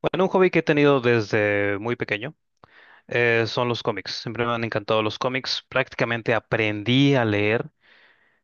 Bueno, un hobby que he tenido desde muy pequeño son los cómics. Siempre me han encantado los cómics. Prácticamente aprendí a leer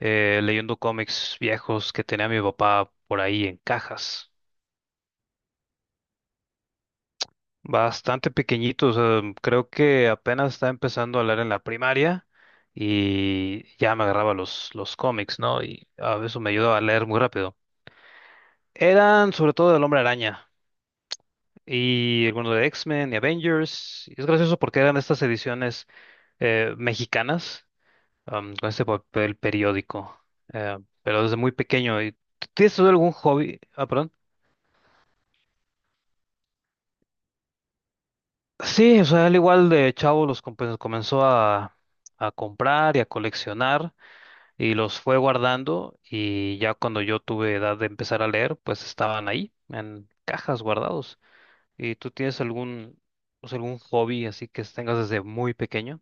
leyendo cómics viejos que tenía mi papá por ahí en cajas. Bastante pequeñitos. Creo que apenas estaba empezando a leer en la primaria y ya me agarraba los cómics, ¿no? Y a veces me ayudaba a leer muy rápido. Eran sobre todo del Hombre Araña y algunos de X-Men y Avengers. Y es gracioso porque eran estas ediciones mexicanas, con este papel periódico, eh, pero desde muy pequeño. ¿Y tú Tienes tú algún hobby? Ah, perdón. Sí, o sea, al igual de chavo pues, comenzó a comprar y a coleccionar y los fue guardando, y ya cuando yo tuve edad de empezar a leer, pues estaban ahí en cajas guardados. ¿Y tú tienes o sea, algún hobby así que tengas desde muy pequeño?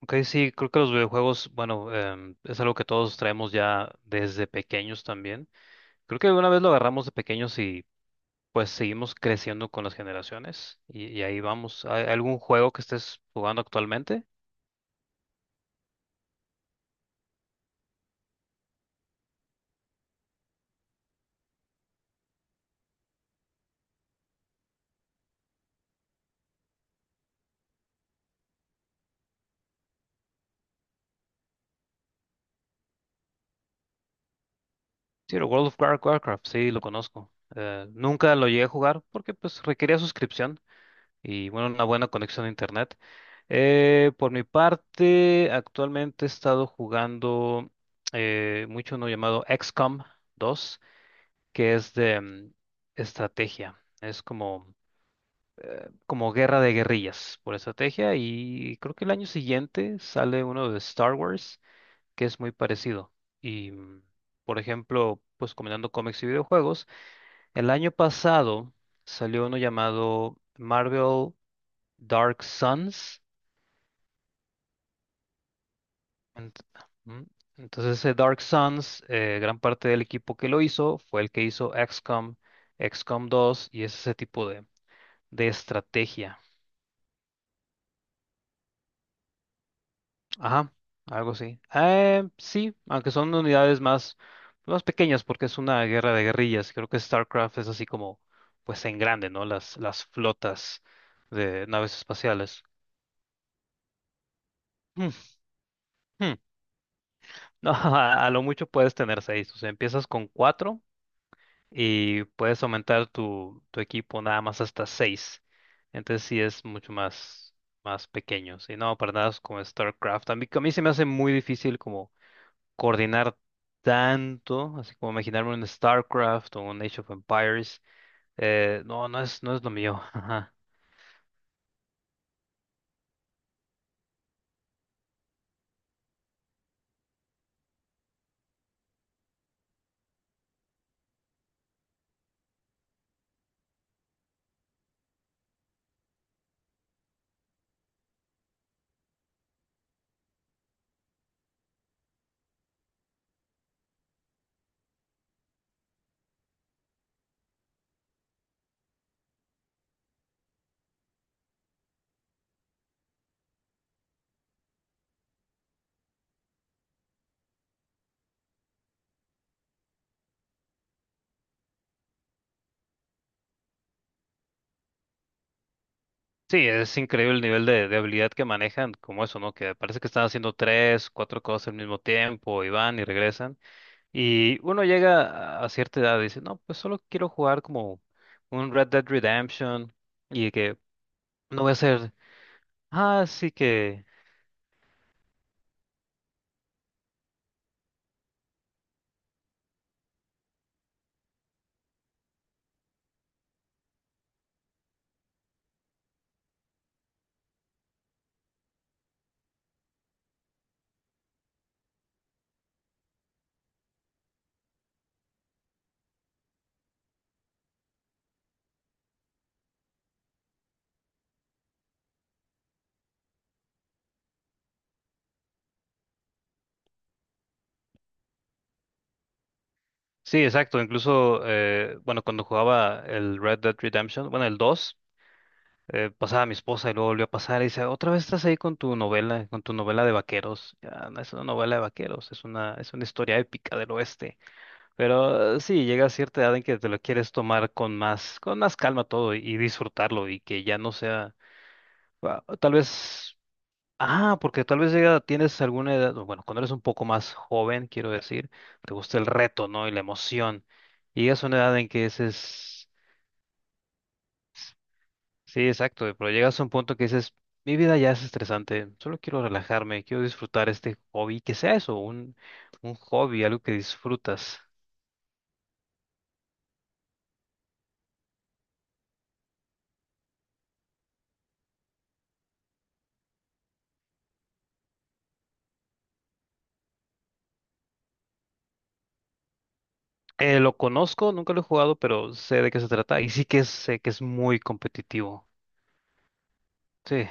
Ok, sí, creo que los videojuegos, bueno, es algo que todos traemos ya desde pequeños también. Creo que alguna vez lo agarramos de pequeños y pues seguimos creciendo con las generaciones y ahí vamos. ¿Hay algún juego que estés jugando actualmente? Sí, el Warcraft, sí, lo conozco. Nunca lo llegué a jugar porque pues requería suscripción y bueno, una buena conexión a internet. Por mi parte, actualmente he estado jugando mucho uno llamado XCOM 2, que es de estrategia. Es como guerra de guerrillas por estrategia, y creo que el año siguiente sale uno de Star Wars que es muy parecido. Y, por ejemplo, pues combinando cómics y videojuegos, el año pasado salió uno llamado Marvel Dark Suns. Ent- Ujú. Entonces, ese Dark Suns, gran parte del equipo que lo hizo fue el que hizo XCOM 2, y es ese tipo de estrategia. Ajá, algo así. Sí, aunque son más pequeñas porque es una guerra de guerrillas. Creo que StarCraft es así pues en grande, ¿no? Las flotas de naves espaciales. Mm, mm. No, a lo mucho puedes tener seis. O sea, empiezas con cuatro y puedes aumentar tu equipo nada más hasta seis. Entonces sí es mucho más pequeño. Sí, no, para nada es como StarCraft. A mí se me hace muy difícil como coordinar tanto, así como imaginarme un StarCraft o un Age of Empires, no, no es lo mío. Ajá. Sí, es increíble el nivel de habilidad que manejan, como eso, ¿no? Que parece que están haciendo tres, cuatro cosas al mismo tiempo, y van y regresan. Y uno llega a cierta edad y dice, no, pues solo quiero jugar como un Red Dead Redemption y que no voy a hacer ah, sí que... Sí, exacto. Incluso, bueno, cuando jugaba el Red Dead Redemption, bueno, el dos, pasaba a mi esposa y luego volvió a pasar y dice, otra vez estás ahí con tu novela de vaqueros. Ya, no es una novela de vaqueros, es es una historia épica del oeste. Pero sí, llega a cierta edad en que te lo quieres tomar con con más calma todo y disfrutarlo, y que ya no sea, ah, tal vez, porque tal vez llega, tienes alguna edad, o bueno, cuando eres un poco más joven, quiero decir, te gusta el reto, ¿no? Y la emoción. Y llegas a una edad en que ese es... Sí, exacto, pero llegas a un punto que dices, mi vida ya es estresante, solo quiero relajarme, quiero disfrutar este hobby, que sea eso, un hobby, algo que disfrutas. Lo conozco, nunca lo he jugado, pero sé de qué se trata, y sí sé que es muy competitivo. Sí,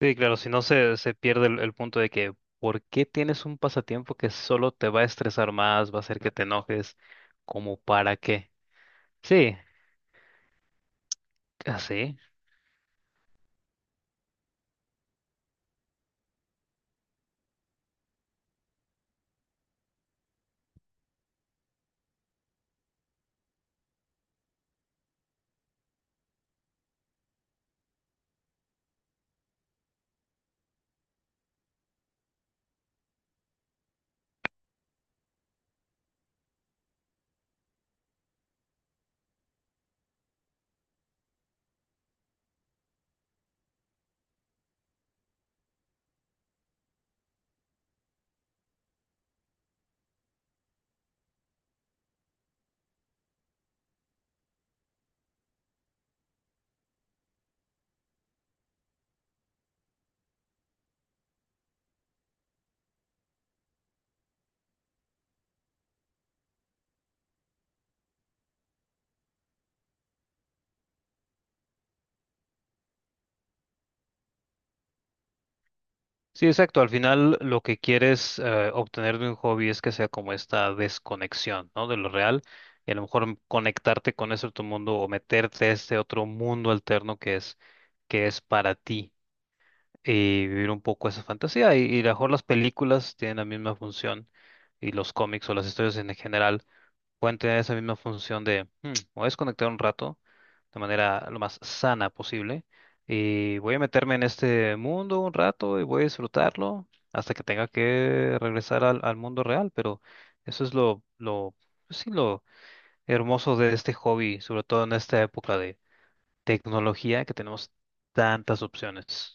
sí, claro, si no se pierde el punto de que, ¿por qué tienes un pasatiempo que solo te va a estresar más, va a hacer que te enojes? ¿Como para qué? Sí, así. Sí, exacto. Al final lo que quieres, obtener de un hobby, es que sea como esta desconexión, ¿no? De lo real, y a lo mejor conectarte con ese otro mundo o meterte a este otro mundo alterno que es para ti y vivir un poco esa fantasía. Y a lo mejor las películas tienen la misma función, y los cómics o las historias en general pueden tener esa misma función de, "Hmm, voy a desconectar un rato de manera lo más sana posible y voy a meterme en este mundo un rato y voy a disfrutarlo hasta que tenga que regresar al mundo real, pero eso es pues sí, lo hermoso de este hobby, sobre todo en esta época de tecnología, que tenemos tantas opciones".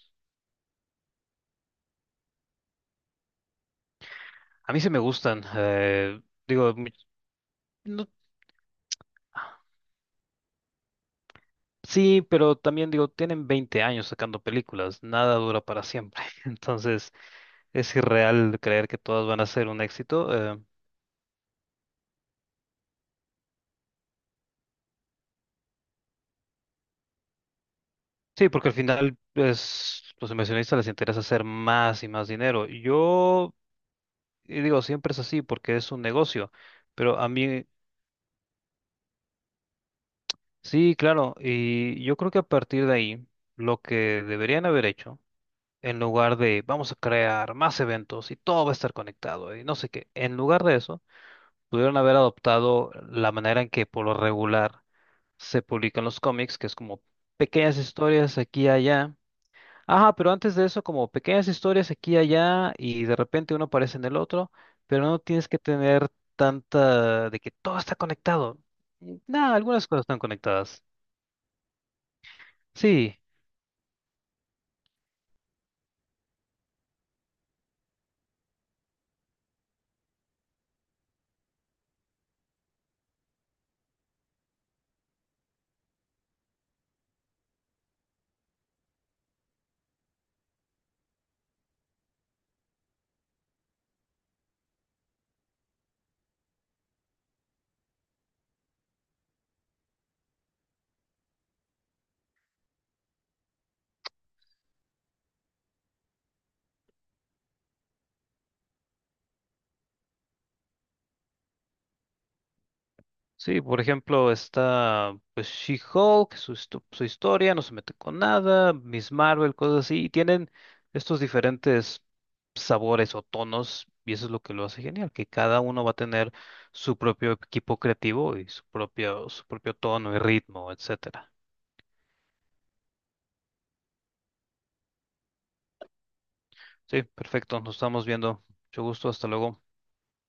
A mí sí me gustan, digo, mi- no- sí, pero también digo, tienen 20 años sacando películas, nada dura para siempre. Entonces, es irreal creer que todas van a ser un éxito. Sí, porque al final es, los inversionistas les interesa hacer más y más dinero. Yo y digo, siempre es así porque es un negocio, pero a mí, sí, claro, y yo creo que a partir de ahí, lo que deberían haber hecho, en lugar de vamos a crear más eventos y todo va a estar conectado y no sé qué, en lugar de eso pudieron haber adoptado la manera en que por lo regular se publican los cómics, que es como pequeñas historias aquí y allá. Ajá, pero antes de eso, como pequeñas historias aquí y allá, y de repente uno aparece en el otro, pero no tienes que tener tanta de que todo está conectado. Nada, algunas cosas están conectadas. Sí. Sí, por ejemplo, está pues She-Hulk, su historia, no se mete con nada, Miss Marvel, cosas así, y tienen estos diferentes sabores o tonos, y eso es lo que lo hace genial, que cada uno va a tener su propio equipo creativo y su propio tono y ritmo, etcétera. Sí, perfecto, nos estamos viendo. Mucho gusto, hasta luego.